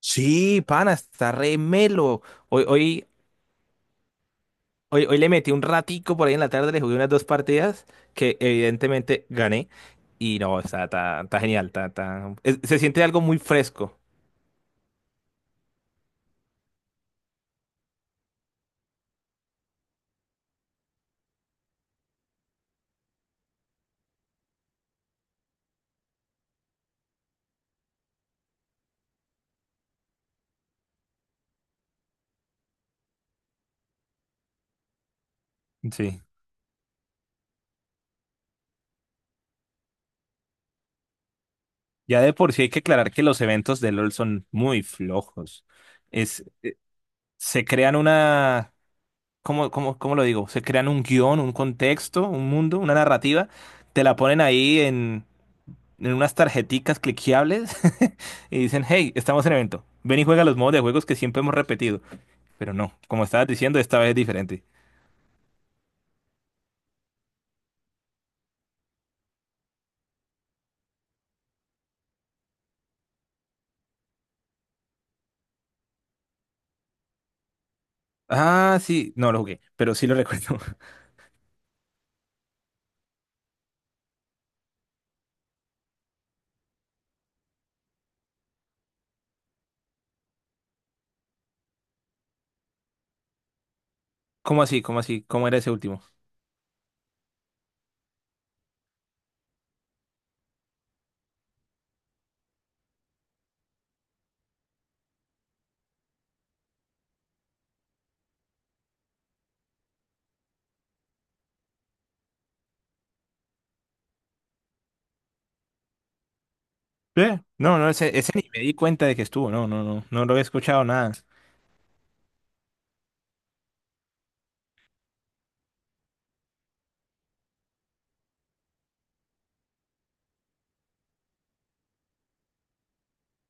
Sí, pana, está re melo. Hoy, hoy, hoy le metí un ratico por ahí en la tarde, le jugué unas dos partidas que evidentemente gané. Y no, está genial, se siente algo muy fresco. Sí, ya de por sí hay que aclarar que los eventos de LOL son muy flojos. Es, se crean una, ¿cómo lo digo? Se crean un guión, un contexto, un mundo, una narrativa, te la ponen ahí en unas tarjeticas cliqueables y dicen, hey, estamos en evento, ven y juega los modos de juegos que siempre hemos repetido. Pero no, como estabas diciendo, esta vez es diferente. Ah, sí, no lo jugué, pero sí lo recuerdo. ¿Cómo así? ¿Cómo así? ¿Cómo era ese último? No, no, ese ni me di cuenta de que estuvo, no, no, no, no lo he escuchado nada.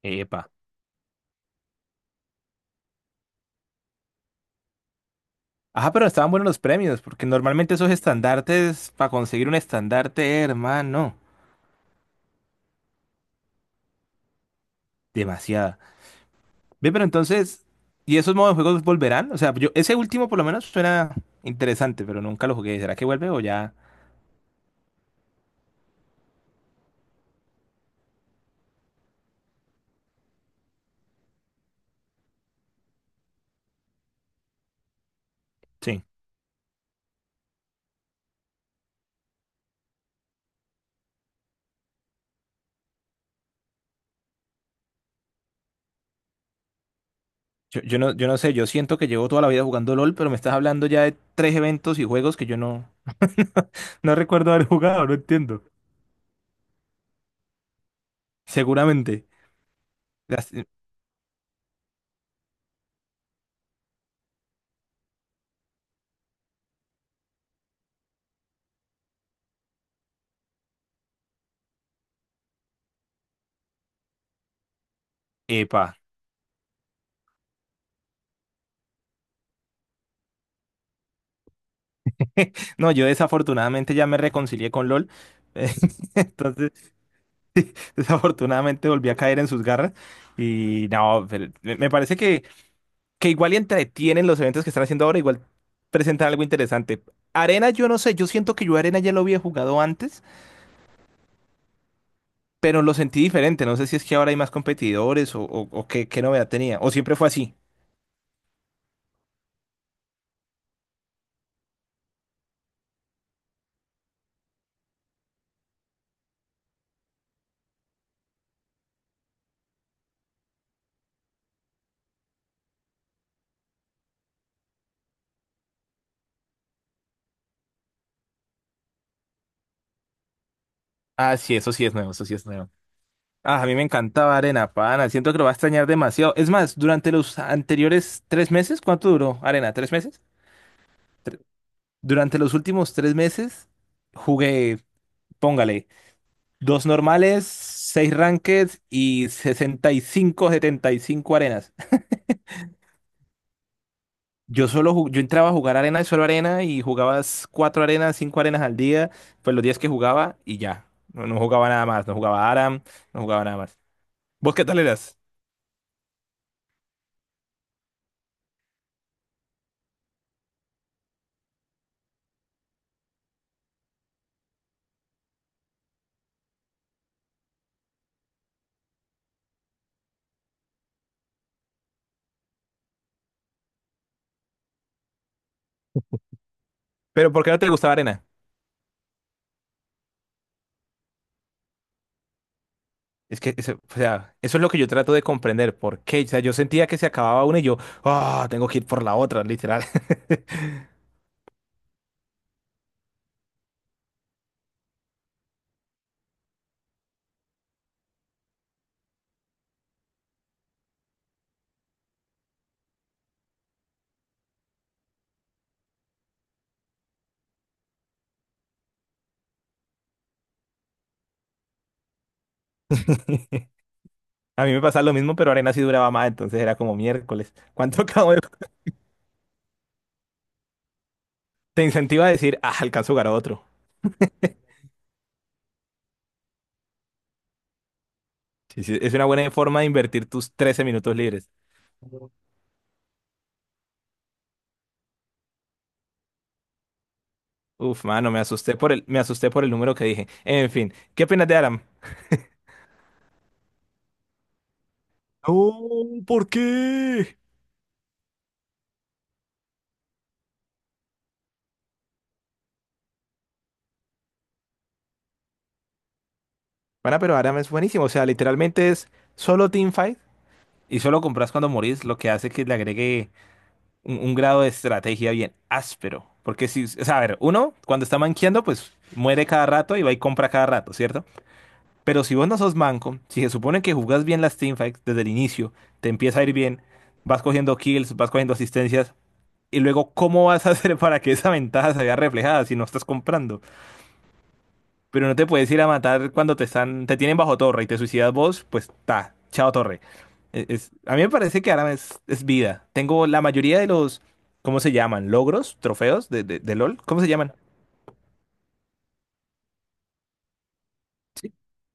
Epa. Ajá, pero estaban buenos los premios, porque normalmente esos estandartes, para conseguir un estandarte, hermano, demasiada. Ve, pero entonces, ¿y esos modos de juegos volverán? O sea, yo, ese último por lo menos suena interesante, pero nunca lo jugué. ¿Será que vuelve o ya? Sí. Yo no sé, yo siento que llevo toda la vida jugando LOL, pero me estás hablando ya de tres eventos y juegos que yo no, no recuerdo haber jugado, no entiendo. Seguramente. Las- Epa. No, yo desafortunadamente ya me reconcilié con LOL. Entonces. Desafortunadamente volví a caer en sus garras y no, pero me parece que igual y entretienen los eventos que están haciendo ahora, igual presentan algo interesante. Arena, yo no sé, yo siento que yo Arena ya lo había jugado antes, pero lo sentí diferente. No sé si es que ahora hay más competidores o qué novedad tenía, o siempre fue así. Ah, sí, eso sí es nuevo, eso sí es nuevo. Ah, a mí me encantaba Arena, pana, siento que lo va a extrañar demasiado. Es más, durante los anteriores 3 meses, ¿cuánto duró Arena? ¿3 meses? Durante los últimos 3 meses jugué... Póngale, dos normales, seis rankeds y 65 75 arenas. Yo entraba a jugar arena y solo arena y jugabas cuatro arenas, cinco arenas al día, pues los días que jugaba y ya. No, no jugaba nada más, no jugaba Aram, no jugaba nada más. ¿Vos qué tal eras? ¿Pero por qué no te gustaba arena? Es que, eso, o sea, eso es lo que yo trato de comprender. ¿Por qué? O sea, yo sentía que se acababa una y yo, ah, tengo que ir por la otra, literal. A mí me pasa lo mismo, pero arena sí duraba más, entonces era como miércoles. ¿Cuánto acabo de? Te incentiva a decir, ah, alcanzo a jugar a otro. Sí, sí, es una buena forma de invertir tus 13 minutos libres. Uf, mano, me asusté por el número que dije. En fin, ¿qué opinas de Aram? No, ¿por qué? Bueno, pero Aram es buenísimo. O sea, literalmente es solo teamfight y solo compras cuando morís, lo que hace que le agregue un grado de estrategia bien áspero. Porque si, o sea, a ver, uno cuando está manqueando, pues muere cada rato y va y compra cada rato, ¿cierto? Pero si vos no sos manco, si se supone que jugás bien las teamfights desde el inicio, te empieza a ir bien, vas cogiendo kills, vas cogiendo asistencias, y luego, ¿cómo vas a hacer para que esa ventaja se vea reflejada si no estás comprando? Pero no te puedes ir a matar cuando te tienen bajo torre y te suicidas vos, pues ta, chao torre. A mí me parece que ahora es, vida. Tengo la mayoría de los, ¿cómo se llaman? ¿Logros? ¿Trofeos de LOL? ¿Cómo se llaman?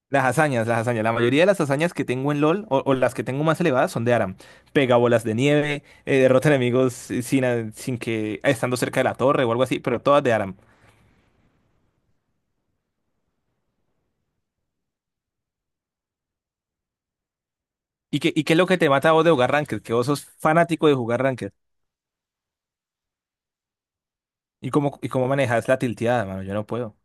Las hazañas, las hazañas. La mayoría de las hazañas que tengo en LOL o las que tengo más elevadas son de Aram. Pega bolas de nieve, derrota enemigos sin que estando cerca de la torre o algo así, pero todas de Aram. ¿Y qué es lo que te mata a vos de jugar Ranked? Que vos sos fanático de jugar Ranked. ¿Y cómo manejas la tilteada, mano? Yo no puedo.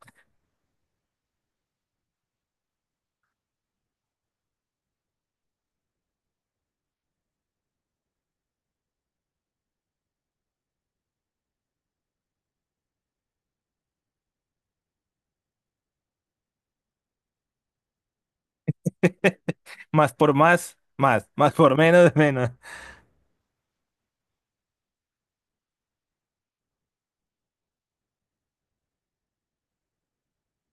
Más por más, más por menos, menos.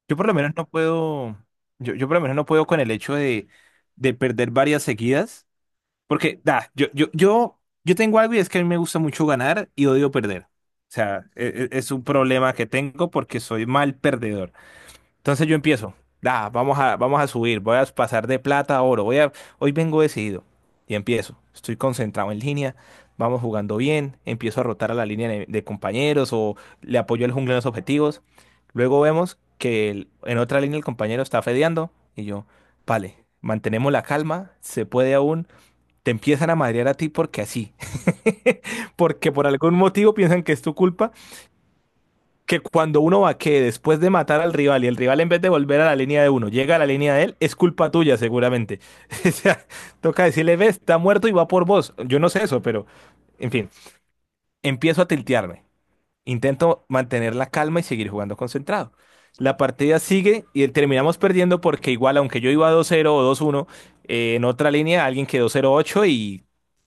Yo por lo menos no puedo, yo por lo menos no puedo con el hecho de perder varias seguidas. Porque, da, yo tengo algo y es que a mí me gusta mucho ganar y odio perder. O sea, un problema que tengo porque soy mal perdedor. Entonces yo empiezo, da, vamos a subir, voy a pasar de plata a oro, hoy vengo decidido y empiezo. Estoy concentrado en línea, vamos jugando bien, empiezo a rotar a la línea de compañeros o le apoyo al jungla en los objetivos. Luego vemos que en otra línea el compañero está fedeando y yo, vale, mantenemos la calma, se puede aún. Te empiezan a madrear a ti porque así, porque por algún motivo piensan que es tu culpa, que cuando uno va que después de matar al rival y el rival en vez de volver a la línea de uno, llega a la línea de él, es culpa tuya seguramente. O sea, toca decirle, ves, está muerto y va por vos. Yo no sé eso, pero, en fin, empiezo a tiltearme. Intento mantener la calma y seguir jugando concentrado. La partida sigue y terminamos perdiendo porque igual, aunque yo iba 2-0 o 2-1, en otra línea alguien quedó 0-8 y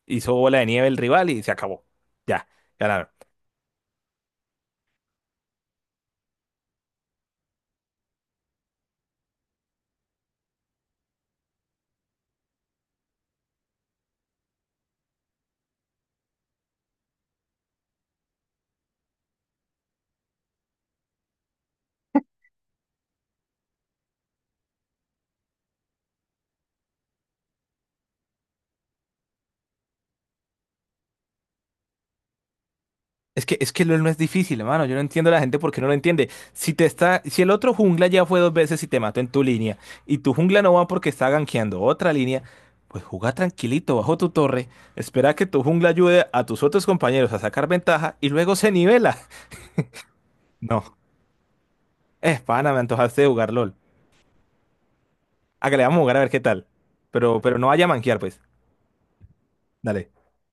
hizo bola de nieve el rival y se acabó. Ya, ganaron. Es que LOL no es difícil, hermano. Yo no entiendo a la gente porque no lo entiende. Si el otro jungla ya fue dos veces y te mató en tu línea, y tu jungla no va porque está gankeando otra línea, pues juega tranquilito bajo tu torre, espera que tu jungla ayude a tus otros compañeros a sacar ventaja y luego se nivela. No. Es pana, me antojaste de jugar LOL. Ah, que le vamos a jugar a ver qué tal. Pero no vaya a manquear, pues. Dale.